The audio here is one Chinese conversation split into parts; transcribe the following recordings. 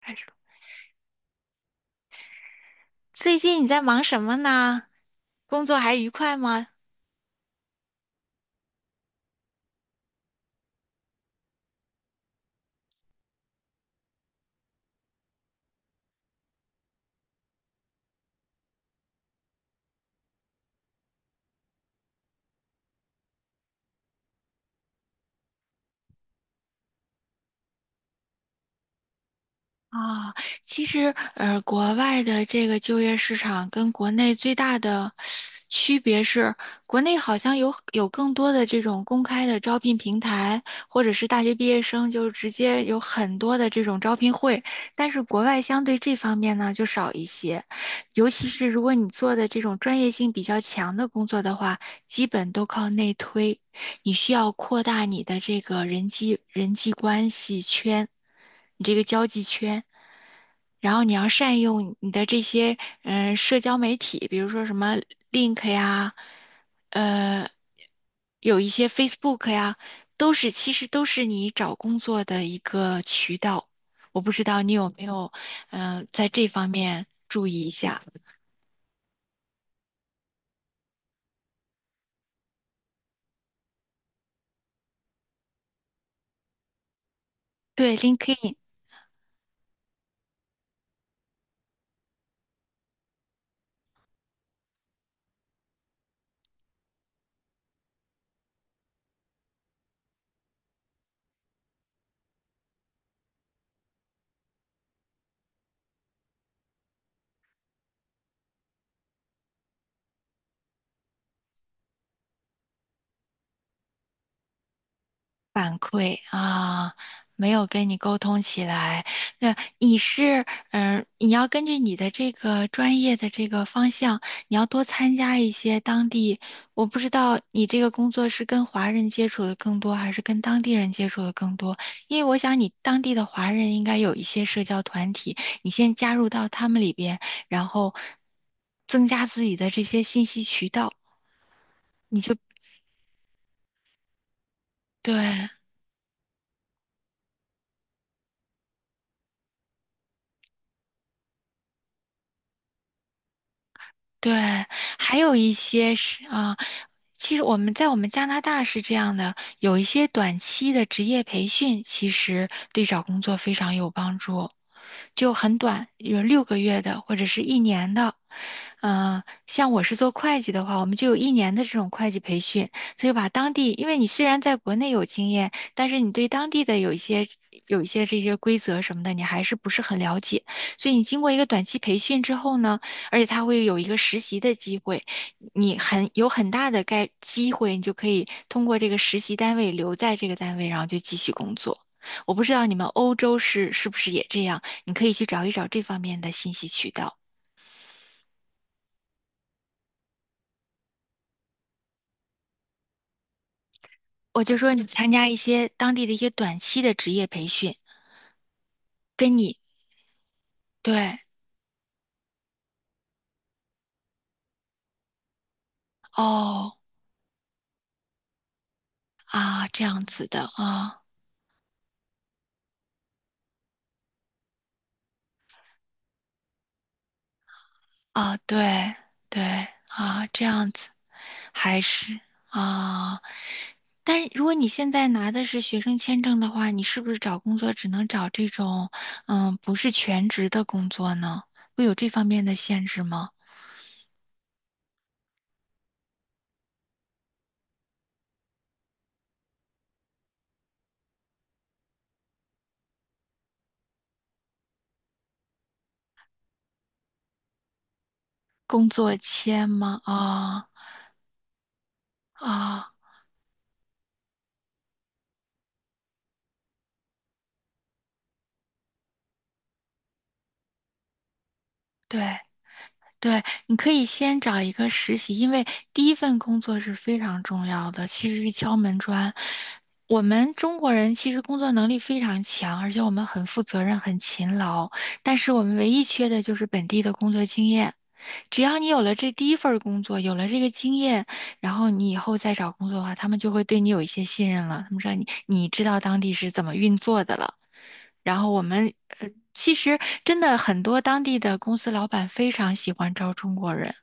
开始了。最近你在忙什么呢？工作还愉快吗？啊，其实，国外的这个就业市场跟国内最大的区别是，国内好像有更多的这种公开的招聘平台，或者是大学毕业生就直接有很多的这种招聘会，但是国外相对这方面呢就少一些，尤其是如果你做的这种专业性比较强的工作的话，基本都靠内推，你需要扩大你的这个人际关系圈，你这个交际圈，然后你要善用你的这些社交媒体，比如说什么 Link 呀，呃，有一些 Facebook 呀，其实都是你找工作的一个渠道。我不知道你有没有在这方面注意一下。对。 LinkedIn，反馈啊。没有跟你沟通起来。那你是，你要根据你的这个专业的这个方向，你要多参加一些当地。我不知道你这个工作是跟华人接触的更多，还是跟当地人接触的更多？因为我想你当地的华人应该有一些社交团体，你先加入到他们里边，然后增加自己的这些信息渠道。对对，还有一些是啊，其实我们在我们加拿大是这样的，有一些短期的职业培训，其实对找工作非常有帮助，就很短，有6个月的或者是一年的。像我是做会计的话，我们就有一年的这种会计培训，所以把当地，因为你虽然在国内有经验，但是你对当地的有一些这些规则什么的，你还是不是很了解，所以你经过一个短期培训之后呢，而且他会有一个实习的机会，你很大的机会，你就可以通过这个实习单位留在这个单位，然后就继续工作。我不知道你们欧洲是不是也这样，你可以去找一找这方面的信息渠道。我就说你参加一些当地的一些短期的职业培训，跟你。对。哦。啊，这样子的啊。啊。对。对。啊，这样子。还是。啊，但是如果你现在拿的是学生签证的话，你是不是找工作只能找这种，嗯，不是全职的工作呢？会有这方面的限制吗？工作签吗？啊。啊。对。对，你可以先找一个实习，因为第一份工作是非常重要的，其实是敲门砖。我们中国人其实工作能力非常强，而且我们很负责任、很勤劳，但是我们唯一缺的就是本地的工作经验。只要你有了这第一份儿工作，有了这个经验，然后你以后再找工作的话，他们就会对你有一些信任了。他们让你知道当地是怎么运作的了。然后我们呃，其实真的很多当地的公司老板非常喜欢招中国人。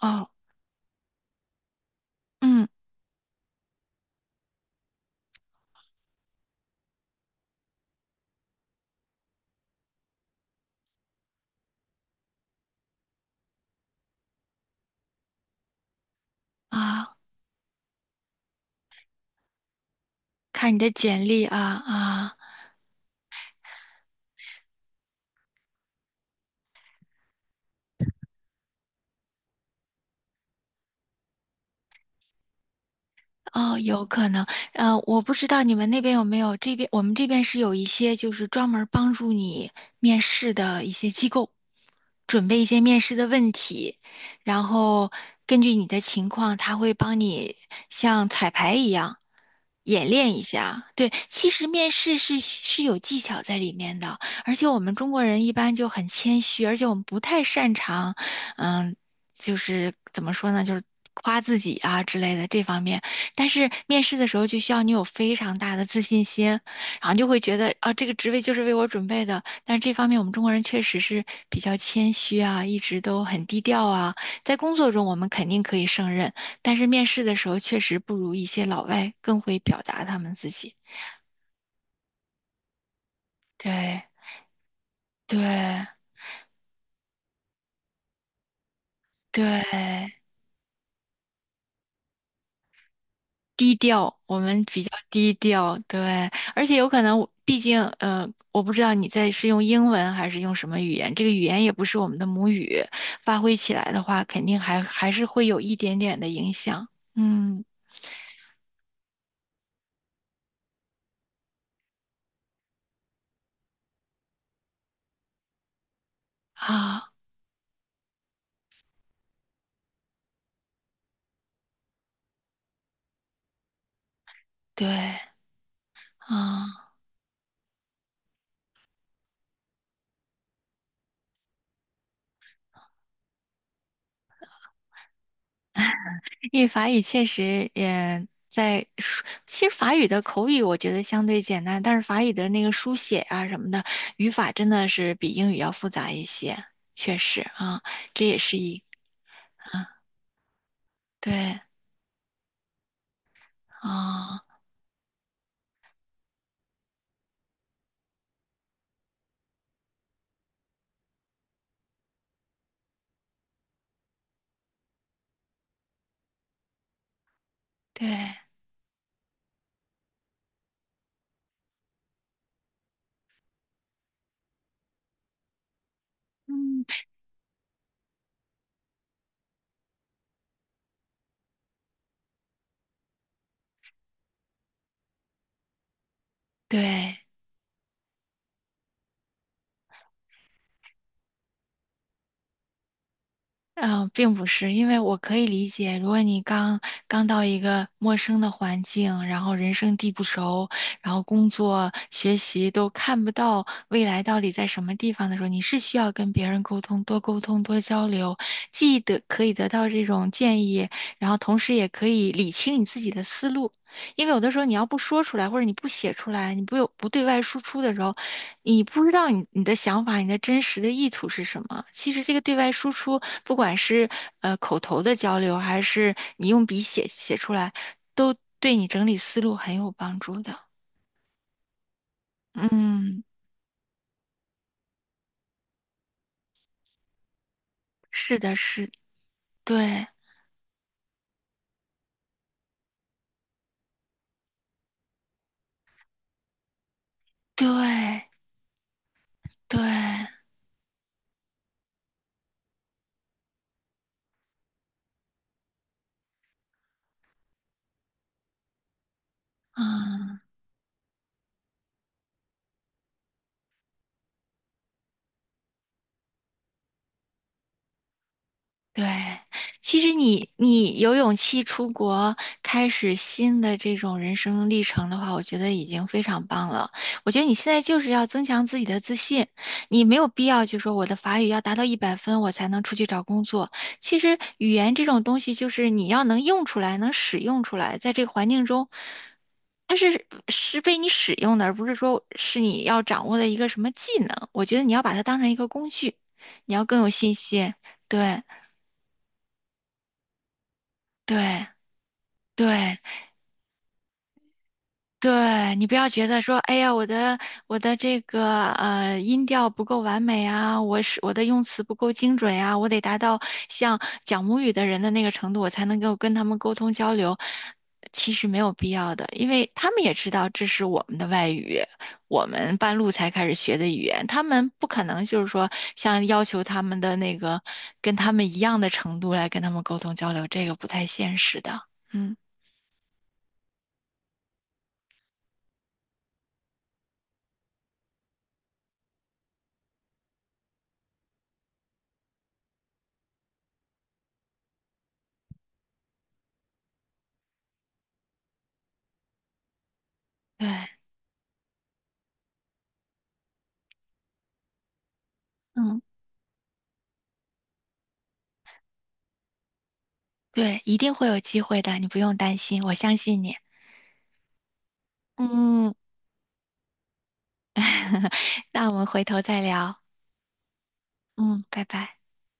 哦。嗯。啊，看你的简历啊。啊。哦，有可能，我不知道你们那边有没有，这边我们这边是有一些就是专门帮助你面试的一些机构，准备一些面试的问题，然后根据你的情况，他会帮你像彩排一样演练一下。对，其实面试是有技巧在里面的，而且我们中国人一般就很谦虚，而且我们不太擅长，嗯，就是怎么说呢，就是夸自己啊之类的这方面。但是面试的时候就需要你有非常大的自信心，然后就会觉得啊，这个职位就是为我准备的。但是这方面我们中国人确实是比较谦虚啊，一直都很低调啊。在工作中我们肯定可以胜任，但是面试的时候确实不如一些老外更会表达他们自己。对对对，低调，我们比较低调，对，而且有可能我，毕竟，我不知道你是用英文还是用什么语言，这个语言也不是我们的母语，发挥起来的话，肯定还是会有一点点的影响。嗯。啊。对。啊，因为法语确实也在书其实法语的口语我觉得相对简单，但是法语的那个书写啊什么的，语法真的是比英语要复杂一些，确实啊，这也是一。啊。对。啊。对。嗯。对。嗯、并不是，因为我可以理解，如果你刚刚到一个陌生的环境，然后人生地不熟，然后工作、学习都看不到未来到底在什么地方的时候，你是需要跟别人沟通，多沟通，多交流，既得可以得到这种建议，然后同时也可以理清你自己的思路。因为有的时候你要不说出来，或者你不写出来，你不对外输出的时候，你不知道你的想法，你的真实的意图是什么？其实这个对外输出，不管是口头的交流，还是你用笔写出来，都对你整理思路很有帮助的。嗯。是的，是，对。对。对。嗯。对，其实你有勇气出国，开始新的这种人生历程的话，我觉得已经非常棒了。我觉得你现在就是要增强自己的自信，你没有必要就说我的法语要达到100分，我才能出去找工作。其实语言这种东西，就是你要能用出来，能使用出来，在这个环境中，它是被你使用的，而不是说是你要掌握的一个什么技能。我觉得你要把它当成一个工具，你要更有信心。对。对对对，你不要觉得说，哎呀，我的这个音调不够完美啊，我的用词不够精准呀、啊，我得达到像讲母语的人的那个程度，我才能够跟他们沟通交流。其实没有必要的，因为他们也知道这是我们的外语，我们半路才开始学的语言，他们不可能就是说像要求他们的那个跟他们一样的程度来跟他们沟通交流，这个不太现实的。嗯。对。嗯。对，一定会有机会的，你不用担心，我相信你。嗯，那我们回头再聊。嗯，拜拜。